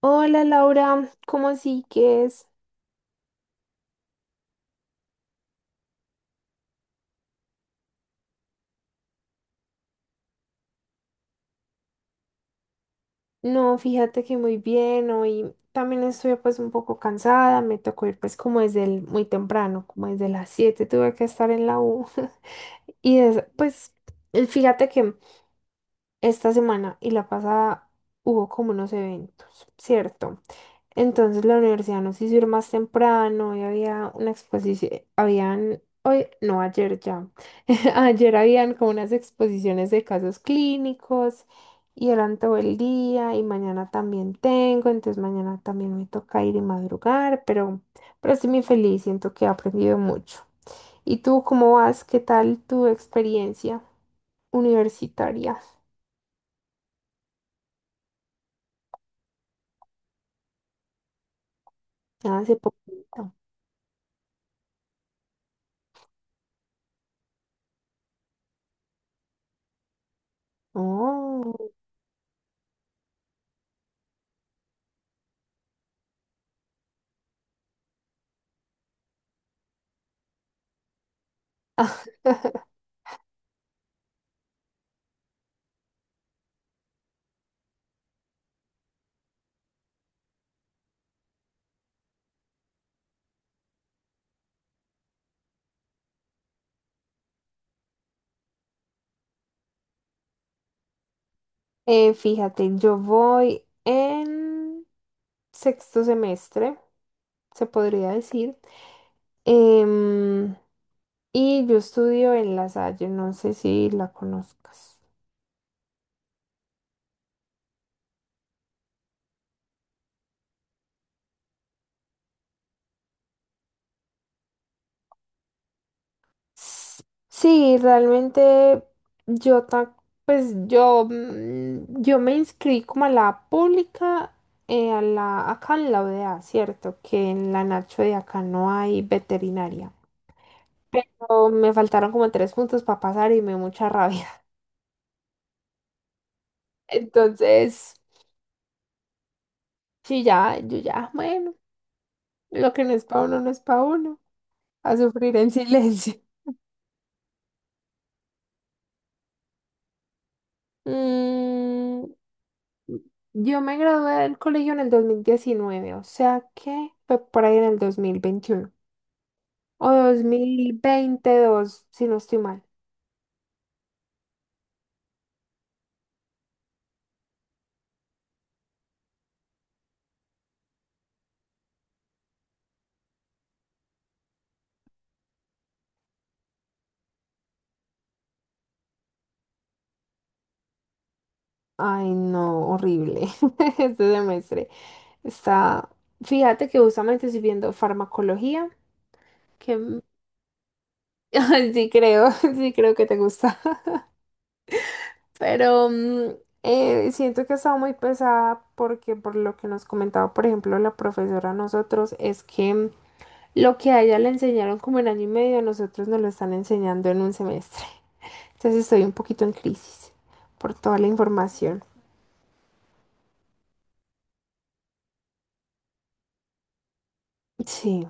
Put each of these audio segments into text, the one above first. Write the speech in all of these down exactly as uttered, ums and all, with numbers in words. Hola Laura, ¿cómo así que es? No, fíjate que muy bien, hoy también estoy pues un poco cansada, me tocó ir pues como desde el, muy temprano, como desde las siete tuve que estar en la U y es- pues eh, fíjate que esta semana y la pasada hubo como unos eventos, ¿cierto? Entonces la universidad nos hizo ir más temprano y había una exposición, habían, hoy, no, ayer ya, ayer habían como unas exposiciones de casos clínicos y eran todo el día y mañana también tengo, entonces mañana también me toca ir y madrugar, pero, pero estoy muy feliz, siento que he aprendido mucho. ¿Y tú cómo vas? ¿Qué tal tu experiencia universitaria? Hace poquito. Oh. Eh, fíjate, yo voy en sexto semestre, se podría decir. Em, y yo estudio en La Salle, no sé si la conozcas. S- Sí, realmente yo ta- pues yo, mm, yo me inscribí como a la pública, eh, a la, acá en la U D A, ¿cierto? Que en la Nacho de acá no hay veterinaria. Pero me faltaron como tres puntos para pasar y me dio mucha rabia. Entonces, sí, ya, yo ya, bueno, lo que no es para uno no es para uno, a sufrir en silencio. Mm, yo me gradué del colegio en el dos mil diecinueve, o sea que fue por ahí en el dos mil veintiuno o dos mil veintidós, si no estoy mal. Ay, no, horrible este semestre. Está, fíjate que justamente estoy viendo farmacología, que ay, sí creo, sí creo que te gusta. Pero mm, eh, siento que ha estado muy pesada porque por lo que nos comentaba, por ejemplo, la profesora a nosotros, es que mm, lo que a ella le enseñaron como en año y medio, a nosotros nos lo están enseñando en un semestre. Entonces estoy un poquito en crisis por toda la información. Sí.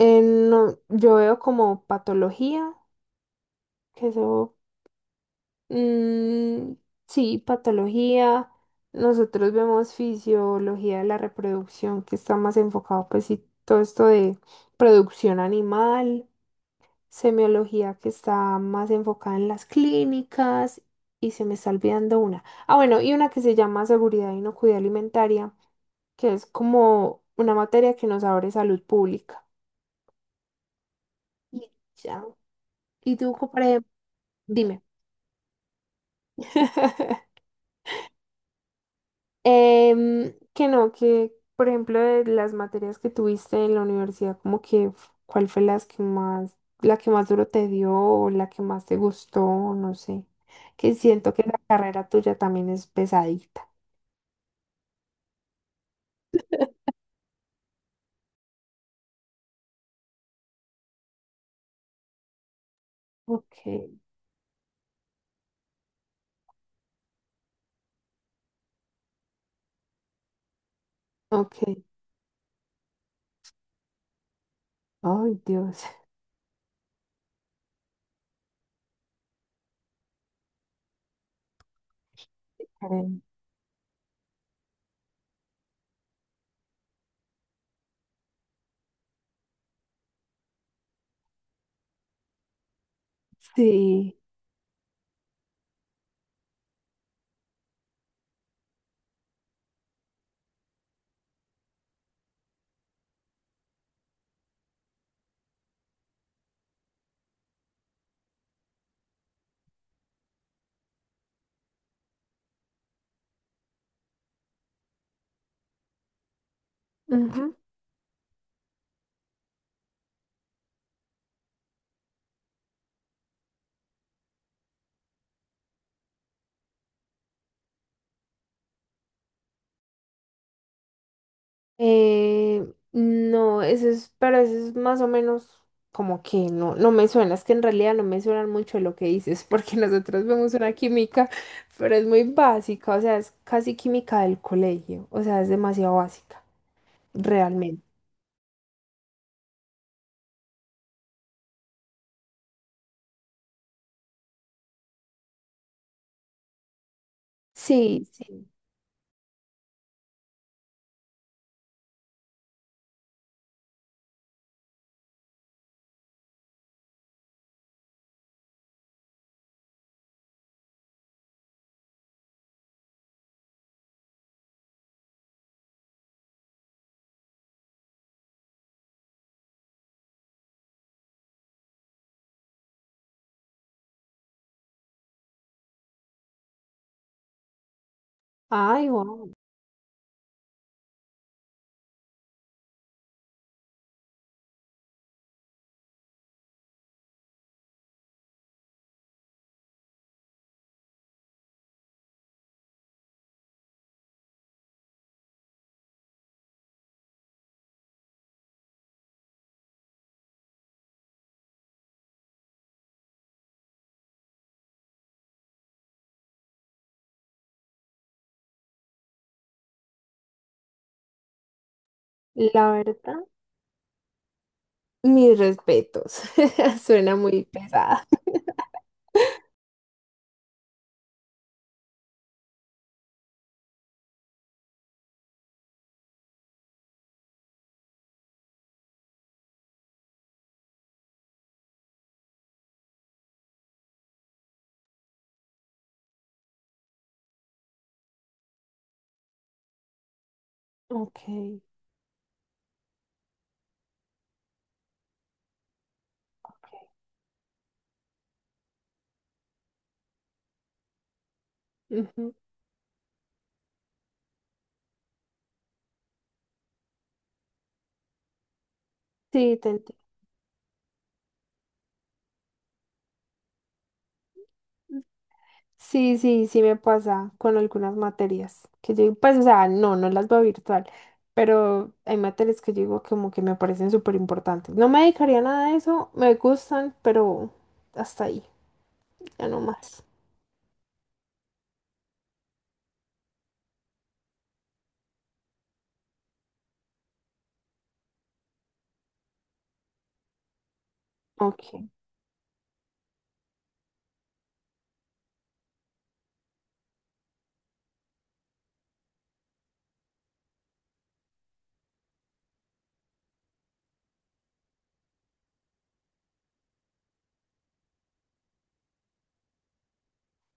Eh, no, yo veo como patología. Que se Mm, sí, patología. Nosotros vemos fisiología de la reproducción, que está más enfocado, pues sí, todo esto de producción animal, semiología que está más enfocada en las clínicas, y se me está olvidando una. Ah, bueno, y una que se llama seguridad e inocuidad alimentaria, que es como una materia que nos abre salud pública. Y ya. Y tú, por ejemplo, dime. Em, que no, que por ejemplo de las materias que tuviste en la universidad, como que f- cuál fue las que más, la que más duro te dio o la que más te gustó, no sé. Que siento que la carrera tuya también es pesadita. Ok, Ok, ay Dios. Karen. Sí. Ujú. Eh, no, eso es, pero eso es más o menos como que no, no me suena, es que en realidad no me suena mucho lo que dices, porque nosotros vemos una química, pero es muy básica, o sea, es casi química del colegio, o sea, es demasiado básica, realmente. Sí, sí. Ay, wow. La verdad, mis respetos. Suena muy pesada. Ok. Ok. Ujú. Sí, te entiendo. Sí, sí, sí me pasa con algunas materias que yo digo, pues, o sea, no, no las veo virtual, pero hay materias que yo digo como que me parecen súper importantes. No me dedicaría a nada de eso, me gustan, pero hasta ahí, ya no más. Ok.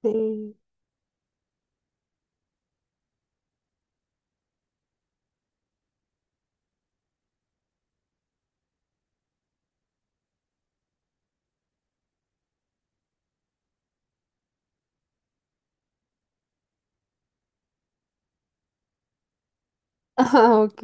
Sí. Ah, ok.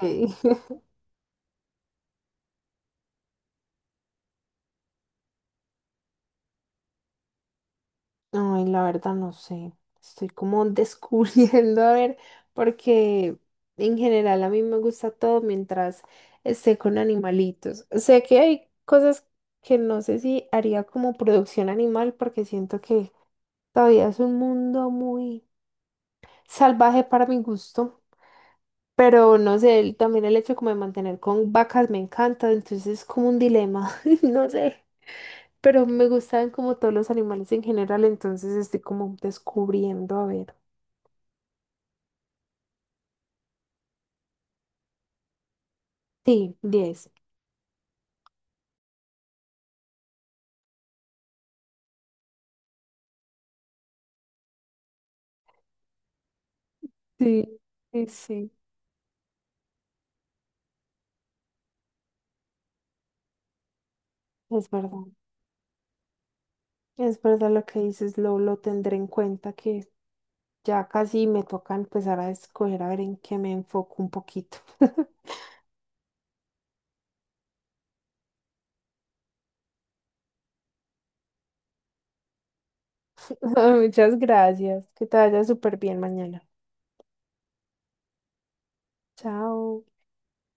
Ay, la verdad no sé. Estoy como descubriendo, a ver, porque en general a mí me gusta todo mientras esté con animalitos. Sé que hay cosas que no sé si haría como producción animal porque siento que todavía es un mundo muy salvaje para mi gusto. Pero no sé, el- también el hecho como de mantener con vacas me encanta, entonces es como un dilema, no sé. Pero me gustan como todos los animales en general, entonces estoy como descubriendo, a ver. Sí, diez. Sí, sí, sí, es verdad. Es verdad lo que dices, lo, lo tendré en cuenta que ya casi me toca empezar a escoger a ver en qué me enfoco un poquito. Muchas gracias. Que te vaya súper bien mañana. Chao.